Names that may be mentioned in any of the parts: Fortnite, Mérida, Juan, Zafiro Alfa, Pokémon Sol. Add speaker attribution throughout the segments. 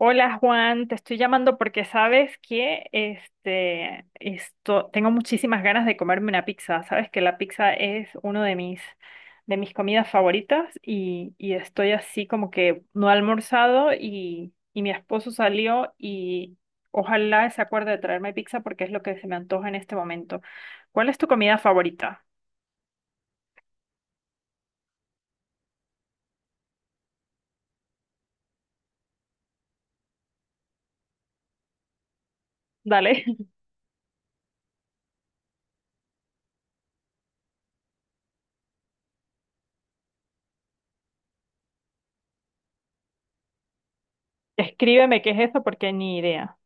Speaker 1: Hola Juan, te estoy llamando porque sabes que tengo muchísimas ganas de comerme una pizza. Sabes que la pizza es uno de mis comidas favoritas y estoy así como que no he almorzado y mi esposo salió y ojalá se acuerde de traerme pizza porque es lo que se me antoja en este momento. ¿Cuál es tu comida favorita? Dale. Escríbeme qué es eso porque ni idea.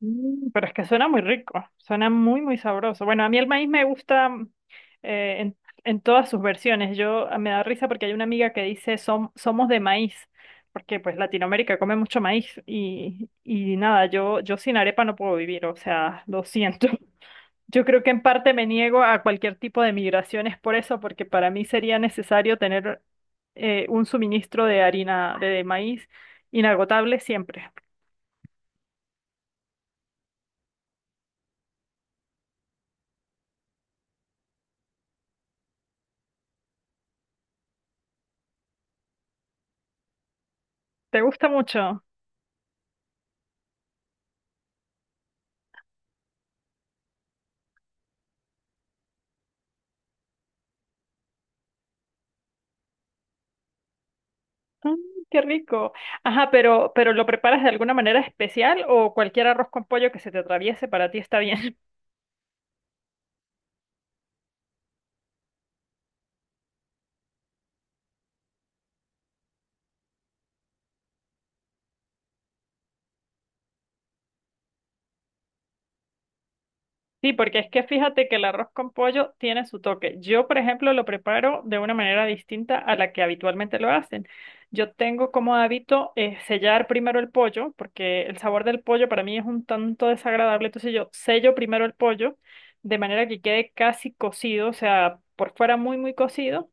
Speaker 1: Mm, pero es que suena muy rico, suena muy, muy sabroso. Bueno, a mí el maíz me gusta, eh, en, en todas sus versiones. Yo, me da risa porque hay una amiga que dice somos de maíz", porque pues Latinoamérica come mucho maíz y nada, yo sin arepa no puedo vivir, o sea, lo siento. Yo creo que en parte me niego a cualquier tipo de migraciones por eso, porque para mí sería necesario tener un suministro de harina de maíz inagotable siempre. ¿Te gusta mucho? Ah, qué rico. Ajá, pero ¿lo preparas de alguna manera especial o cualquier arroz con pollo que se te atraviese para ti está bien? Sí, porque es que fíjate que el arroz con pollo tiene su toque. Yo, por ejemplo, lo preparo de una manera distinta a la que habitualmente lo hacen. Yo tengo como hábito, sellar primero el pollo, porque el sabor del pollo para mí es un tanto desagradable. Entonces yo sello primero el pollo de manera que quede casi cocido, o sea, por fuera muy, muy cocido.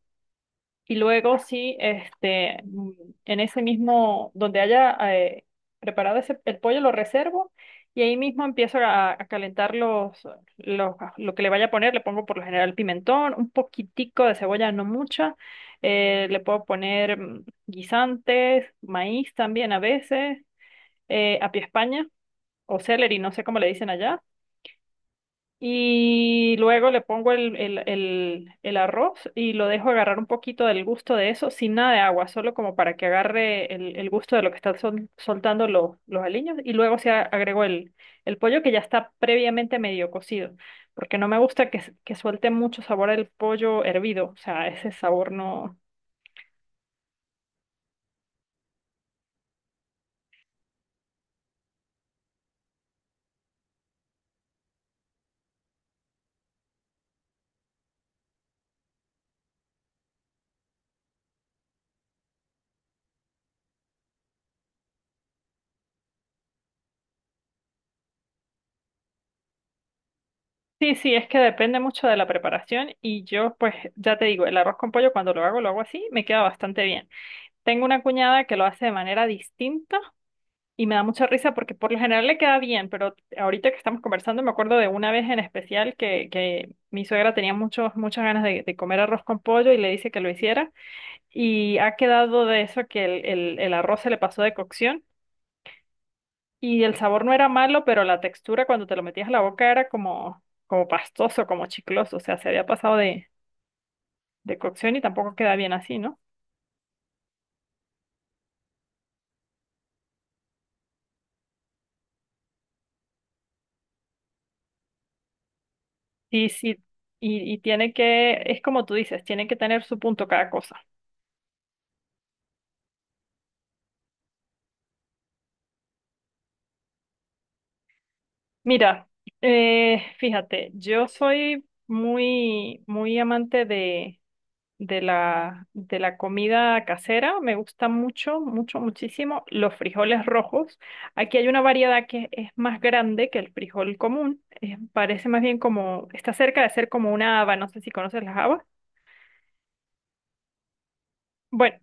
Speaker 1: Y luego sí, en ese mismo, donde haya preparado ese, el pollo, lo reservo y ahí mismo empiezo a calentar lo que le vaya a poner. Le pongo por lo general pimentón, un poquitico de cebolla, no mucha. Le puedo poner, guisantes, maíz también a veces, apia España o celery, no sé cómo le dicen allá. Y luego le pongo el arroz y lo dejo agarrar un poquito del gusto de eso, sin nada de agua, solo como para que agarre el gusto de lo que están soltando los aliños. Y luego se agregó el pollo que ya está previamente medio cocido, porque no me gusta que, que suelte mucho sabor el pollo hervido, o sea, ese sabor no... Sí, sí, es que depende mucho de la preparación y yo pues ya te digo, el arroz con pollo cuando lo hago así, me queda bastante bien. Tengo una cuñada que lo hace de manera distinta. Y me da mucha risa porque por lo general le queda bien, pero ahorita que estamos conversando me acuerdo de una vez en especial que mi suegra tenía muchos, muchas ganas de comer arroz con pollo y le dice que lo hiciera y ha quedado de eso que el arroz se le pasó de cocción y el sabor no era malo, pero la textura cuando te lo metías a la boca era como, como pastoso, como chicloso, o sea, se había pasado de cocción y tampoco queda bien así, ¿no? Sí, sí, y tiene que, es como tú dices, tiene que tener su punto cada cosa. Mira, fíjate, yo soy muy, muy amante de la comida casera. Me gusta mucho, mucho, muchísimo los frijoles rojos. Aquí hay una variedad que es más grande que el frijol común. Parece más bien como, está cerca de ser como una haba. No sé si conoces las habas. Bueno,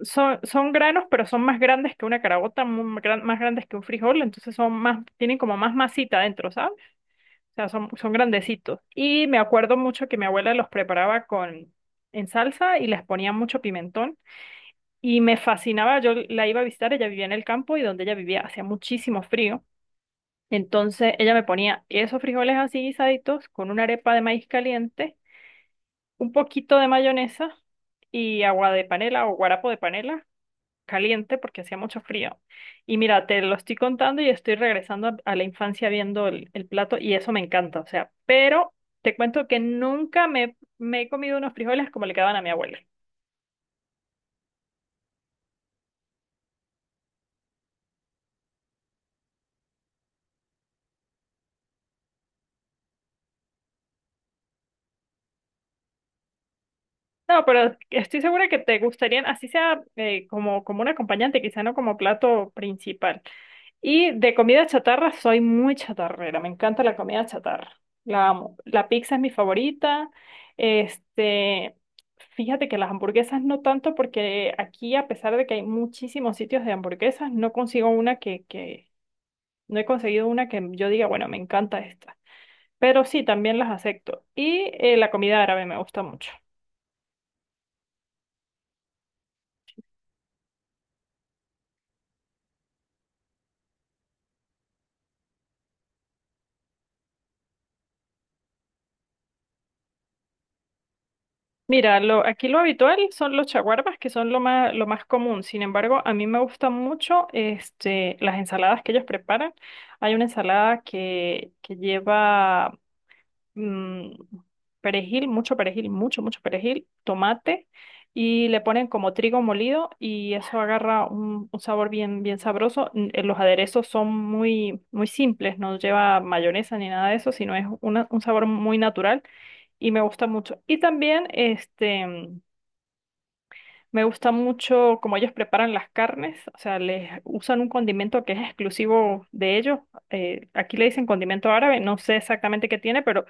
Speaker 1: son, son granos, pero son más grandes que una carabota, más grandes que un frijol. Entonces son más, tienen como más masita adentro, ¿sabes? Sea, son, son grandecitos. Y me acuerdo mucho que mi abuela los preparaba con, en salsa y les ponía mucho pimentón. Y me fascinaba, yo la iba a visitar, ella vivía en el campo y donde ella vivía hacía muchísimo frío. Entonces ella me ponía esos frijoles así guisaditos con una arepa de maíz caliente, un poquito de mayonesa y agua de panela o guarapo de panela caliente porque hacía mucho frío. Y mira, te lo estoy contando y estoy regresando a la infancia viendo el plato y eso me encanta, o sea, pero te cuento que nunca me he comido unos frijoles como le quedaban a mi abuela. No, pero estoy segura que te gustarían, así sea, como un acompañante, quizá no como plato principal. Y de comida chatarra soy muy chatarrera, me encanta la comida chatarra, la amo. La pizza es mi favorita. Este, fíjate que las hamburguesas no tanto porque aquí a pesar de que hay muchísimos sitios de hamburguesas, no consigo una que no he conseguido una que yo diga, bueno, me encanta esta. Pero sí, también las acepto. Y la comida árabe me gusta mucho. Mira, lo, aquí lo habitual son los chaguarbas, que son lo más común. Sin embargo, a mí me gustan mucho este, las ensaladas que ellos preparan. Hay una ensalada que lleva, mm, perejil, mucho, mucho perejil, tomate y le ponen como trigo molido y eso agarra un sabor bien, bien sabroso. Los aderezos son muy, muy simples, no lleva mayonesa ni nada de eso, sino es un sabor muy natural y me gusta mucho. Y también me gusta mucho cómo ellos preparan las carnes, o sea, les usan un condimento que es exclusivo de ellos. Aquí le dicen condimento árabe, no sé exactamente qué tiene, pero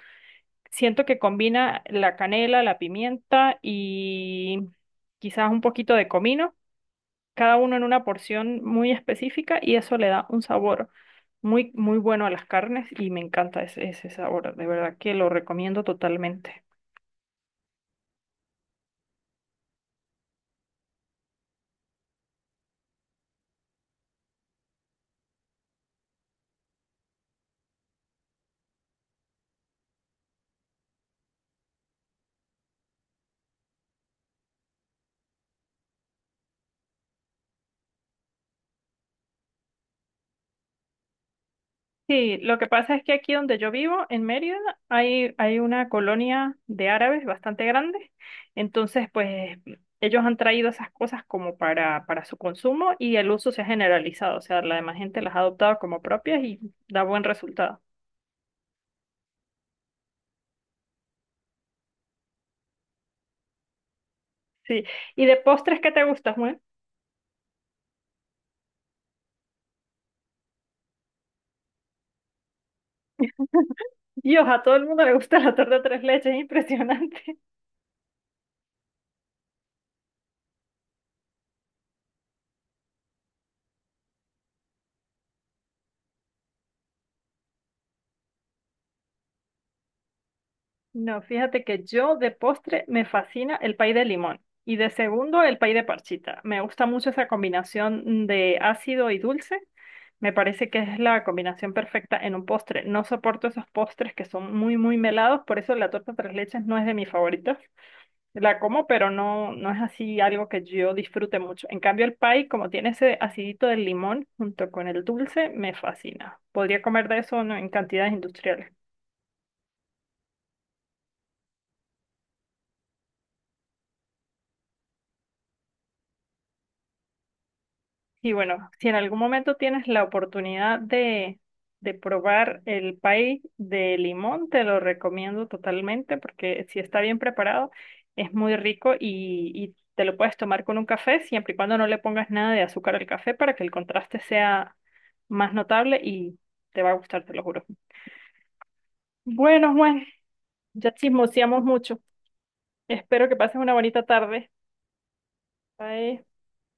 Speaker 1: siento que combina la canela, la pimienta y quizás un poquito de comino, cada uno en una porción muy específica y eso le da un sabor muy, muy bueno a las carnes y me encanta ese sabor. De verdad que lo recomiendo totalmente. Sí, lo que pasa es que aquí donde yo vivo, en Mérida, hay una colonia de árabes bastante grande. Entonces, pues ellos han traído esas cosas como para su consumo y el uso se ha generalizado. O sea, la demás gente las ha adoptado como propias y da buen resultado. Sí. ¿Y de postres qué te gusta, Juan? Dios, a todo el mundo le gusta la torta tres leches, es impresionante. No, fíjate que yo de postre me fascina el pay de limón y de segundo el pay de parchita. Me gusta mucho esa combinación de ácido y dulce. Me parece que es la combinación perfecta en un postre. No soporto esos postres que son muy, muy melados, por eso la torta tres leches no es de mis favoritos. La como, pero no, no es así algo que yo disfrute mucho. En cambio, el pay, como tiene ese acidito del limón junto con el dulce, me fascina. Podría comer de eso, ¿no? En cantidades industriales. Y bueno, si en algún momento tienes la oportunidad de probar el pay de limón, te lo recomiendo totalmente porque si está bien preparado, es muy rico y te lo puedes tomar con un café, siempre y cuando no le pongas nada de azúcar al café para que el contraste sea más notable y te va a gustar, te lo juro. Bueno, Juan, ya chismoseamos mucho. Espero que pases una bonita tarde. Bye.